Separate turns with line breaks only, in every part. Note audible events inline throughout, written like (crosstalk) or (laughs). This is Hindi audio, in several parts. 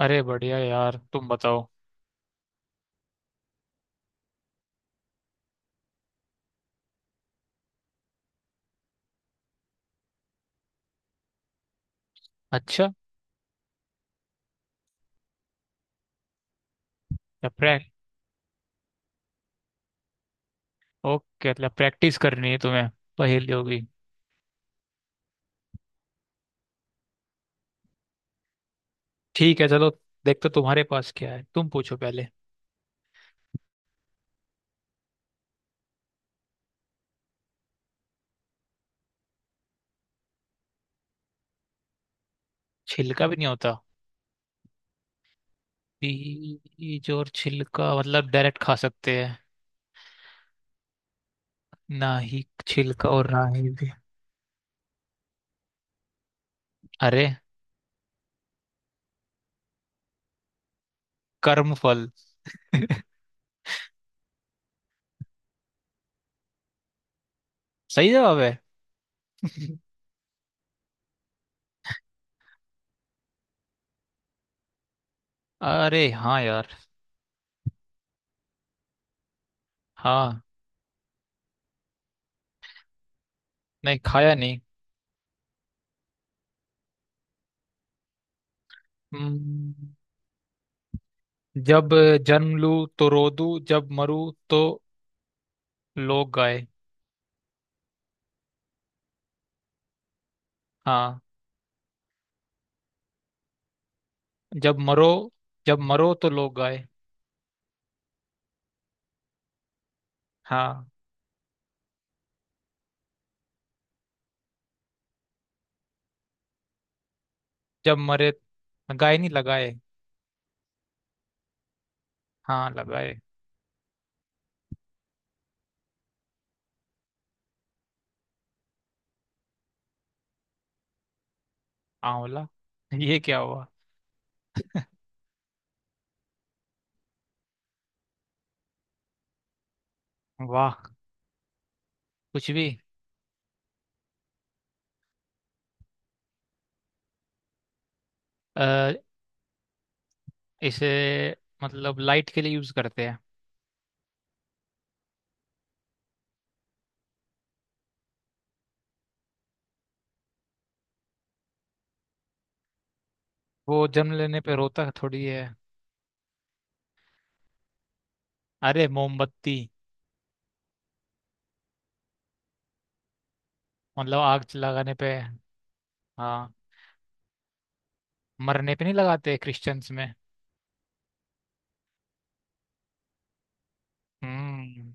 अरे बढ़िया यार, तुम बताओ। अच्छा। या प्रैक ओके, मतलब प्रैक्टिस करनी है तुम्हें, पहेलियों की। ठीक है, चलो देखते तुम्हारे पास क्या है, तुम पूछो पहले। छिलका भी नहीं होता? बीज और छिलका मतलब डायरेक्ट खा सकते हैं। ना ही छिलका और ना ही भी। अरे, कर्म फल (laughs) सही जवाब है। (laughs) अरे हाँ यार। हाँ। नहीं, खाया नहीं। हम्म, जब जन्म लूं तो रो दूं, जब मरूं तो लोग गाए। हाँ। जब मरो जब मरो तो लोग गाए। हाँ। जब मरे, गाए नहीं, लगाए। हाँ, लगाए। आंवला (laughs) ये क्या हुआ। वाह। कुछ भी। आ, इसे मतलब लाइट के लिए यूज करते हैं। वो जन्म लेने पे रोता थोड़ी है। अरे, मोमबत्ती। मतलब आग लगाने पे। हाँ, मरने पे नहीं लगाते क्रिश्चियंस में। हम्म।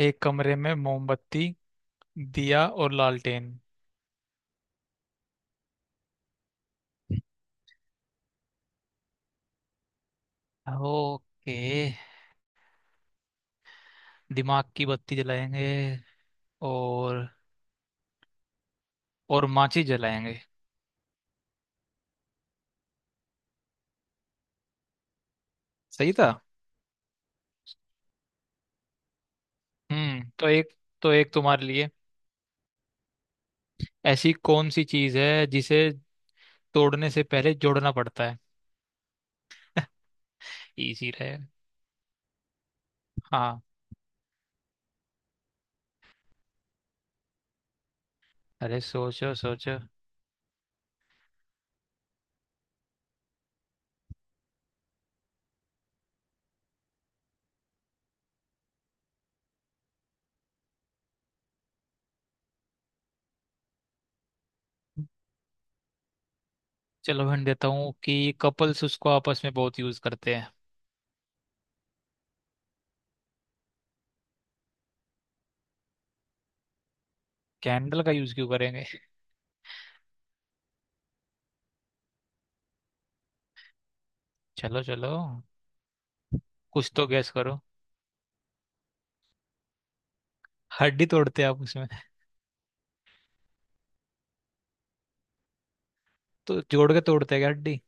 एक कमरे में मोमबत्ती, दिया और लालटेन। ओके, दिमाग की बत्ती जलाएंगे। और और माची जलाएंगे। सही था। हम्म, तो एक तुम्हारे लिए। ऐसी कौन सी चीज है जिसे तोड़ने से पहले जोड़ना पड़ता है? (laughs) इजी रहे। हाँ। अरे सोचो सोचो। चलो हिंट देता हूँ कि कपल्स उसको आपस में बहुत यूज करते हैं। कैंडल का यूज क्यों करेंगे? चलो चलो, कुछ तो गैस करो। हड्डी तोड़ते हैं आप उसमें? तो जोड़ के तोड़ते हैं क्या हड्डी?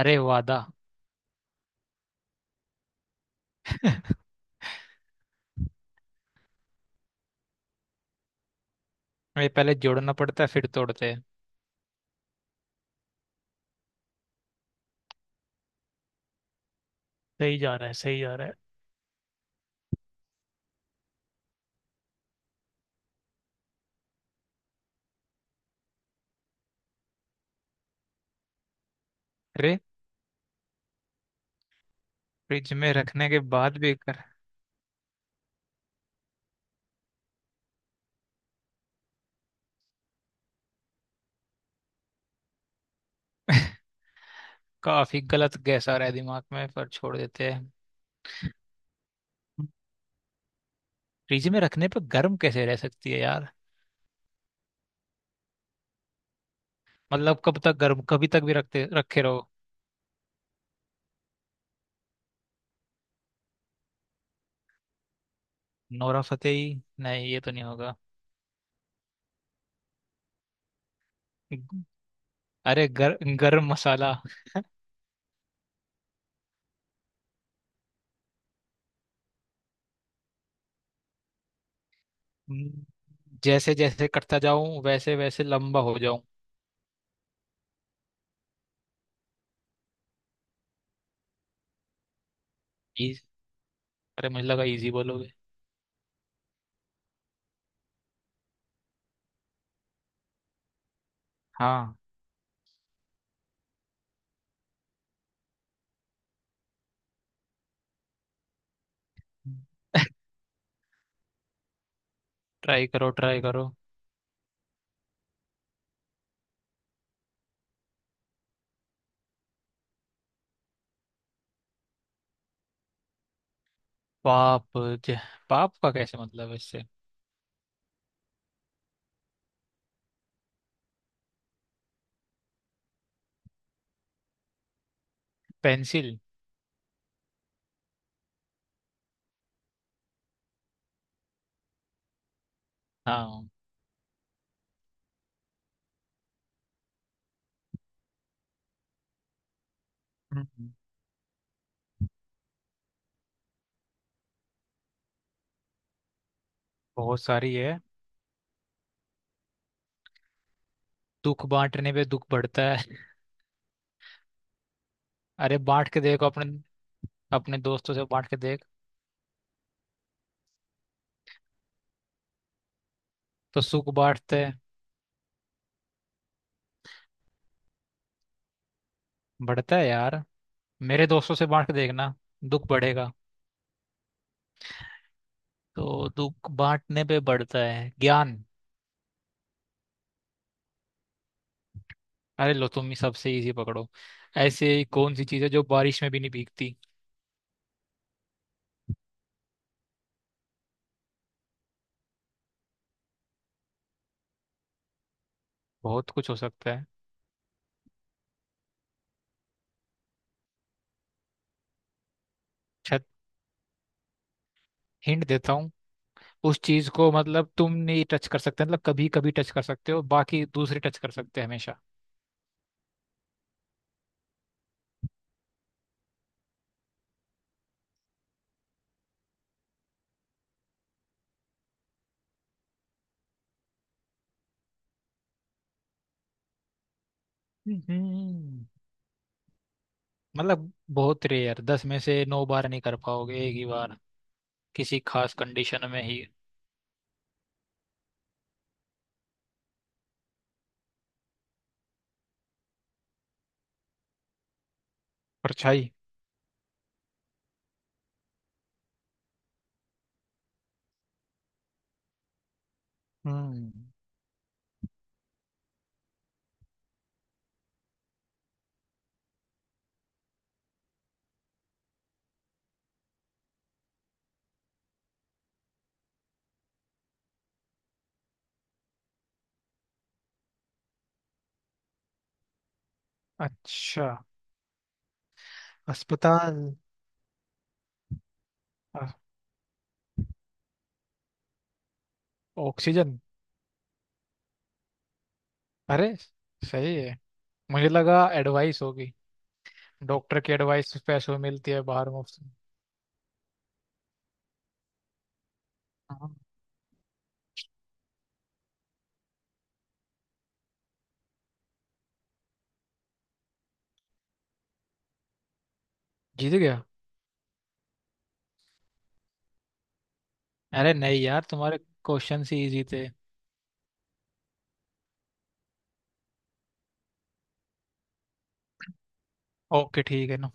अरे, वादा। (laughs) ये पहले जोड़ना पड़ता है, फिर तोड़ते हैं। सही जा रहा है, सही जा रहा है। अरे, फ्रिज में रखने के बाद भी कर काफी गलत गैस आ रहा है दिमाग में, पर छोड़ देते हैं। फ्रिज में रखने पर गर्म कैसे रह सकती है यार? मतलब कब तक गर्म, कभी तक भी रखते रखे रहो। Nora Fatehi. नहीं, ये तो नहीं होगा। अरे गर्म मसाला। हम्म, जैसे जैसे कटता जाऊं वैसे वैसे लंबा हो जाऊं। इज अरे मुझे लगा इजी बोलोगे। हाँ। ट्राई करो ट्राई करो। पाप ज, पाप का कैसे मतलब है इससे? पेंसिल। हाँ। हम्म। बहुत सारी है। दुख बांटने पे दुख बढ़ता है। (laughs) अरे बांट के देखो अपने अपने दोस्तों से बांट के देख। तो सुख बांटते? बढ़ता है यार, मेरे दोस्तों से बांट के देखना, दुख बढ़ेगा। तो दुख बांटने पे बढ़ता है ज्ञान। अरे लो, तुम ही सबसे इजी पकड़ो। ऐसे कौन सी चीज है जो बारिश में भी नहीं भीगती? बहुत कुछ हो सकता है। अच्छा, हिंट देता हूँ। उस चीज को मतलब तुम नहीं टच कर सकते, मतलब कभी कभी टच कर सकते हो, बाकी दूसरे टच कर सकते हैं हमेशा। हम्म। मतलब बहुत रेयर, 10 में से 9 बार नहीं कर पाओगे, एक ही बार, किसी खास कंडीशन में ही। परछाई। हम्म। अच्छा। अस्पताल। अ, ऑक्सीजन। अरे, सही है। मुझे लगा एडवाइस होगी। डॉक्टर की एडवाइस पैसों में मिलती है, बाहर मुफ्त में। हाँ। जीत गया। अरे नहीं यार, तुम्हारे क्वेश्चन ही इजी थे। ओके, ठीक है ना।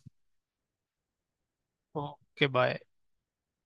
Okay bye.